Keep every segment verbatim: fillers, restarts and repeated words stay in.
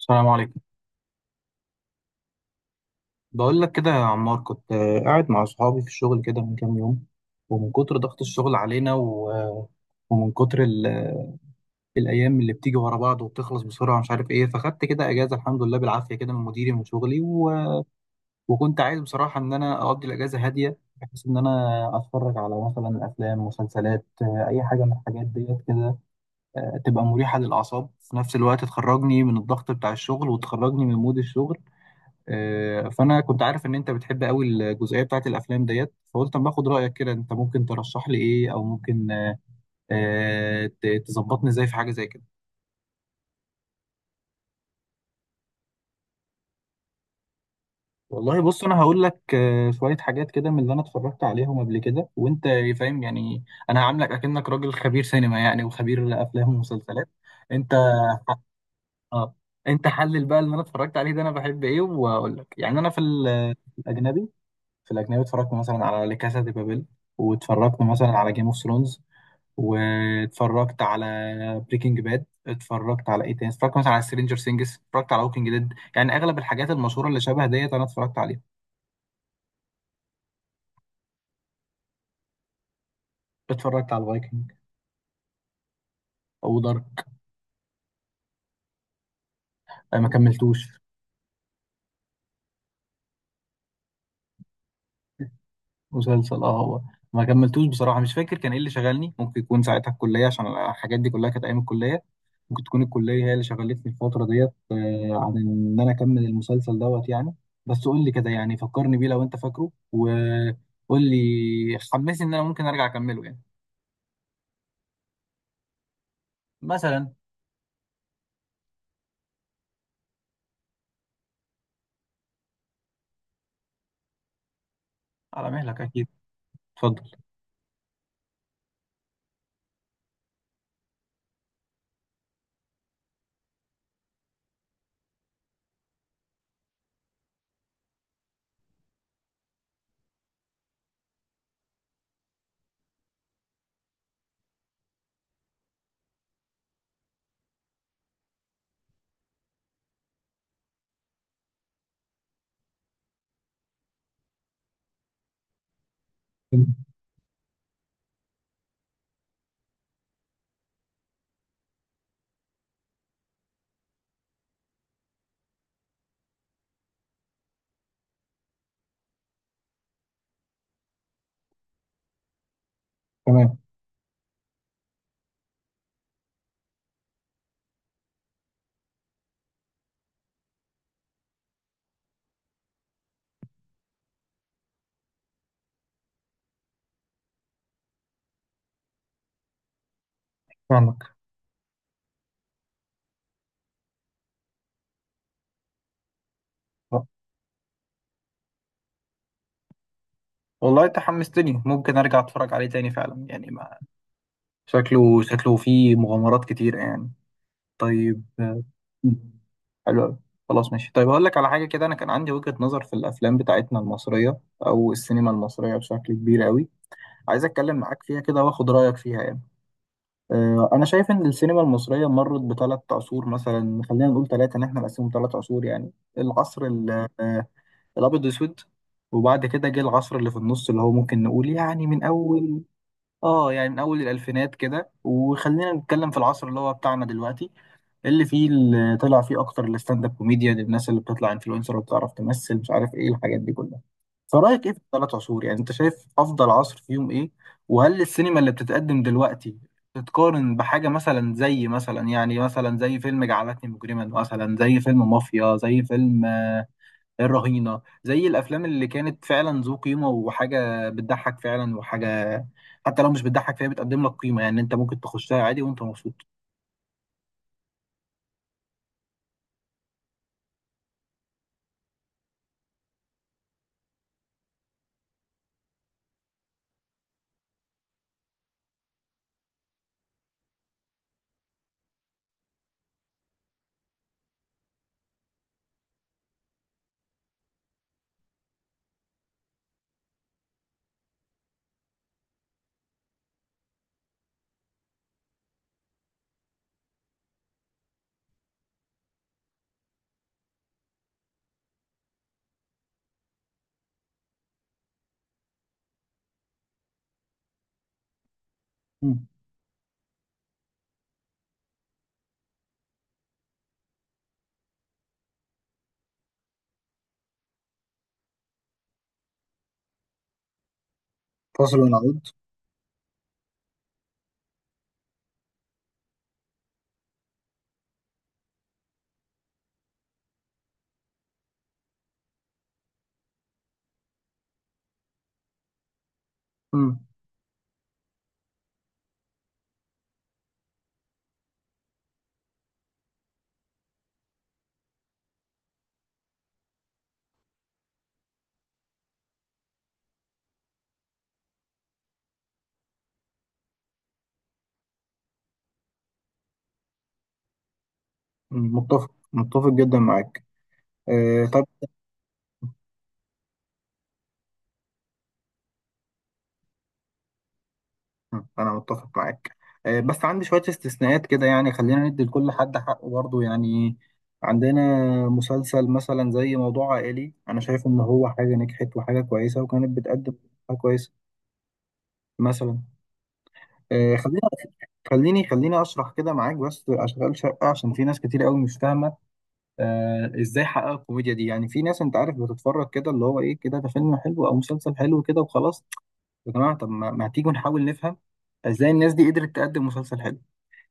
السلام عليكم. بقول لك كده يا عمار، كنت آه، قاعد مع صحابي في الشغل كده من كام يوم. ومن كتر ضغط الشغل علينا و- آه، ومن كتر ال- آه، الأيام اللي بتيجي ورا بعض وبتخلص بسرعة، مش عارف إيه، فخدت كده أجازة الحمد لله بالعافية كده من مديري من شغلي و... وكنت عايز بصراحة إن أنا أقضي الأجازة هادية، بحيث إن أنا أتفرج على مثلا أفلام مسلسلات، آه، أي حاجة من الحاجات ديت كده. آه، تبقى مريحة للأعصاب، في نفس الوقت تخرجني من الضغط بتاع الشغل وتخرجني من مود الشغل. آه، فانا كنت عارف ان انت بتحب قوي الجزئيه بتاعت الافلام ديت، فقلت اما اخد رايك كده، انت ممكن ترشح لي ايه او ممكن آه، آه، ت- تظبطني ازاي في حاجه زي كده؟ والله بص، انا هقول لك آه، شويه حاجات كده من اللي انا اتفرجت عليهم قبل كده، وانت فاهم يعني. انا هعاملك اكنك راجل خبير سينما يعني، وخبير افلام ومسلسلات انت. اه، انت حلل بقى اللي انا اتفرجت عليه ده، انا بحب ايه واقول لك يعني. انا في ال- في الاجنبي في الاجنبي اتفرجت مثلا على لا كاسا دي بابيل، واتفرجت مثلا على جيم اوف ثرونز، واتفرجت على بريكنج باد، اتفرجت على ايه تاني، اتفرجت مثلا على سترينجر سينجز، اتفرجت على ووكينج ديد. يعني اغلب الحاجات المشهوره اللي شبه ديت انا اتفرجت عليها. اتفرجت على الفايكنج، او دارك آه، ما كملتوش. مسلسل، اه، هو ما كملتوش بصراحه، مش فاكر كان ايه اللي شغلني، ممكن يكون ساعتها الكليه عشان الحاجات دي كلها كانت ايام الكليه. ممكن تكون الكليه هي اللي شغلتني الفتره ديت، آه، عن ان انا اكمل المسلسل دوت يعني. بس قول لي كده يعني، فكرني بيه لو انت فاكره، وقول لي حمسني ان انا ممكن ارجع اكمله يعني. مثلا. على مهلك اكيد. اتفضل. تمام، فاهمك. آه. والله انت حمستني، ممكن ارجع اتفرج عليه تاني فعلا يعني، ما شكله شكله فيه مغامرات كتير يعني. طيب، آه، حلو أوي. خلاص ماشي. طيب، هقول لك على حاجه كده، انا كان عندي وجهه نظر في الافلام بتاعتنا المصريه او السينما المصريه بشكل كبير قوي. عايز اتكلم معاك فيها كده واخد رايك فيها يعني. آه، انا شايف ان السينما المصريه مرت بثلاث عصور، مثلا خلينا نقول ثلاثه ان احنا نقسمهم ثلاث عصور يعني. العصر ال- آه، الابيض واسود. وبعد كده جه العصر اللي في النص، اللي هو ممكن نقول يعني من اول. اه، يعني من اول الالفينات كده، وخلينا نتكلم في العصر اللي هو بتاعنا دلوقتي، اللي فيه، اللي طلع فيه اكتر الستاند اب كوميديا، الناس اللي بتطلع انفلونسر وبتعرف تمثل مش عارف ايه الحاجات دي كلها. فرايك ايه في الثلاث عصور يعني، انت شايف افضل عصر فيهم ايه؟ وهل السينما اللي بتتقدم دلوقتي تتقارن بحاجة، مثلا زي، مثلا يعني، مثلا زي فيلم جعلتني مجرما، مثلا زي فيلم مافيا، زي فيلم الرهينة، زي الأفلام اللي كانت فعلا ذو قيمة وحاجة بتضحك فعلا، وحاجة حتى لو مش بتضحك فهي بتقدم لك قيمة يعني، أنت ممكن تخشها عادي وأنت مبسوط. مم. فاصل ونعود. مم. مم. متفق متفق جدا معاك. آه طب. مم. أنا متفق معاك. آه بس عندي شوية استثناءات كده يعني، خلينا ندي لكل حد حقه برضه يعني. عندنا مسلسل مثلا زي موضوع عائلي، أنا شايف إن هو حاجة نجحت وحاجة كويسة وكانت بتقدم حاجة كويسة، مثلا. آه، خلينا خليني خليني اشرح كده معاك بس اشغال شقه، عشان في ناس كتير قوي مش فاهمه. آه ازاي حقق الكوميديا دي يعني، في ناس انت عارف بتتفرج كده، اللي هو ايه كده، ده فيلم حلو او مسلسل حلو كده وخلاص. يا جماعه، طب ما ما تيجوا نحاول نفهم ازاي الناس دي قدرت تقدم مسلسل حلو.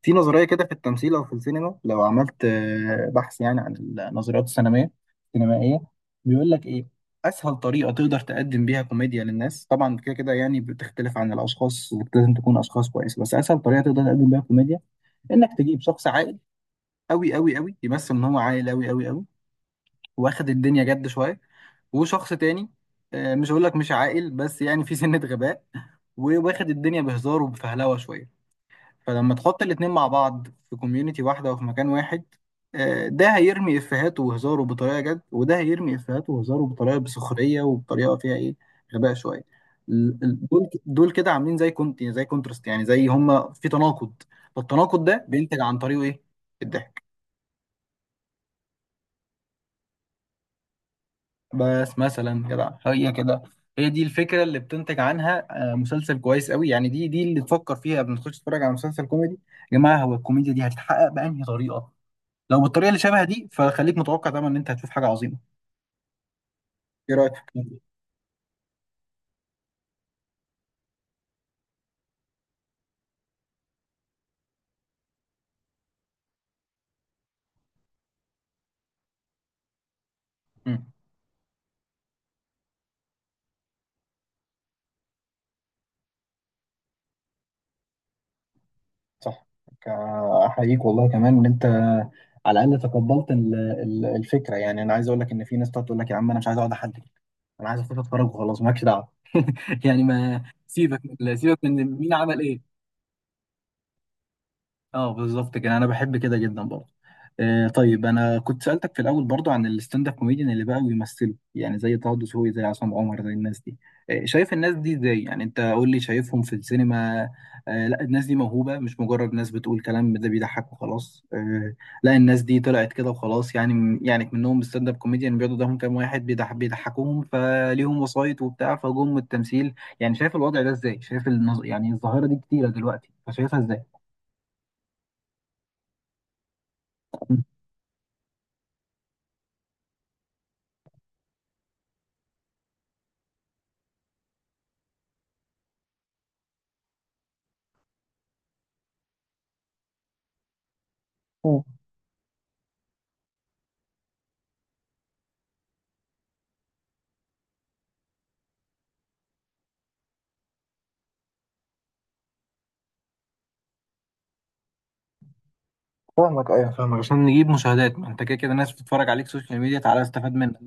في نظرية كده في التمثيل أو في السينما، لو عملت آه، بحث يعني عن النظريات السينمية السينمائية. بيقول لك إيه؟ أسهل طريقة تقدر تقدم بيها كوميديا للناس، طبعا كده كده يعني بتختلف عن الأشخاص، لازم تكون أشخاص كويسة، بس أسهل طريقة تقدر تقدم بيها كوميديا، إنك تجيب شخص عاقل أوي أوي أوي، يمثل إن هو عاقل أوي أوي أوي، واخد الدنيا جد شوية. وشخص تاني، آه، مش هقول لك مش عاقل، بس يعني في سنة غباء، وواخد الدنيا بهزار وبفهلوة شوية. فلما تحط الاتنين مع بعض في كوميونتي واحدة وفي مكان واحد، آه، ده هيرمي إفيهاته وهزاره بطريقة جد، وده هيرمي إفيهاته وهزاره بطريقة بسخرية وبطريقة فيها إيه، غباء شوية. ال- ال- دول دول كده عاملين زي كنت زي كونترست يعني، زي هما في تناقض. فالتناقض ده بينتج عن طريقه إيه؟ الضحك. بس مثلا كده هي كده هي دي الفكرة اللي بتنتج عنها. آه، مسلسل كويس قوي يعني، دي دي اللي تفكر فيها قبل ما تخش تتفرج على مسلسل كوميدي. يا جماعة، هو الكوميديا دي هتتحقق بأنهي طريقة؟ لو بالطريقه اللي شبه دي فخليك متوقع طبعا ان انت هتشوف حاجه عظيمه. ايه رايك في الكلام ده؟ مم. صح. ك- احييك والله كمان ان انت على الاقل تقبلت ال- ال- الفكره يعني، انا عايز اقول لك ان في ناس تقعد تقول لك يا عم، انا مش عايز اقعد احلل، انا عايز اخش اتفرج وخلاص مالكش دعوه. يعني ما سيبك من سيبك من مين عمل ايه. اه، بالظبط كده، انا بحب كده جدا برضه. آه طيب، انا كنت سالتك في الاول برضه عن الستاند اب كوميديان اللي بقى بيمثلوا يعني، زي طه دسوقي، زي عصام عمر، زي الناس دي. آه شايف الناس دي ازاي يعني، انت قول لي شايفهم في السينما. آه لا، الناس دي موهوبه، مش مجرد ناس بتقول كلام ده بيضحك وخلاص آه لا، الناس دي طلعت كده وخلاص يعني يعني منهم ستاند اب كوميديان بيقعدوا قدامهم كام واحد بيضح بيضحكوهم، فليهم وسايط وبتاع فجم التمثيل. يعني شايف الوضع ده ازاي، شايف النظ... يعني الظاهره دي كتيره دلوقتي، فشايفها ازاي؟ مم. فاهمك. ايوه فاهمك، عشان نجيب مشاهدات، ما انت كده كده ناس بتتفرج عليك سوشيال ميديا، تعالى استفاد منك.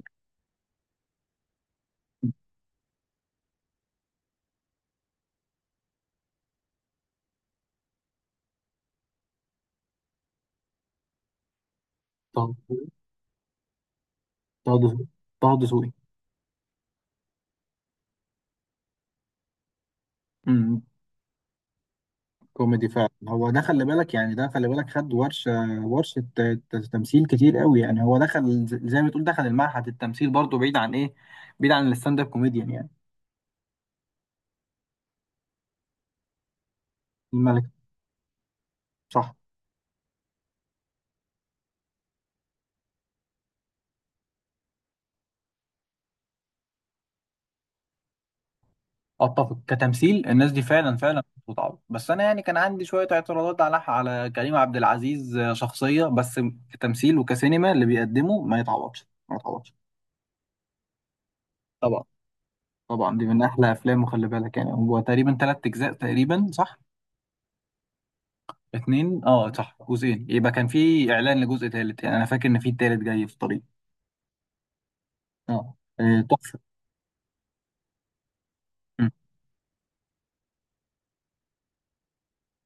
طه طه دسوقي، طه دسوقي. امم كوميدي فعلا، هو ده خلي بالك يعني ده خلي بالك خد ورشه، ورشه ت- ت- تمثيل كتير قوي يعني. هو دخل ز- زي ما تقول دخل المعهد التمثيل برضه، بعيد عن ايه، بعيد عن الستاند اب كوميديان يعني. الملك. صح، اتفق. كتمثيل الناس دي فعلا فعلا بتتعب، بس انا يعني كان عندي شويه اعتراضات على على كريم عبد العزيز آه، شخصيه بس. كتمثيل وكسينما اللي بيقدمه ما يتعوضش، ما يتعوضش. طبعا. طبعا دي من احلى افلامه، خلي بالك. يعني هو تقريبا ثلاث اجزاء تقريبا، صح؟ اتنين، اه صح، جزئين. يبقى كان في اعلان لجزء ثالث يعني، انا فاكر ان في ثالث جاي في الطريق. اه. آه، تحفه. مم.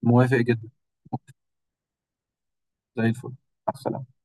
موافق جدا. زي الفل. مع السلامة.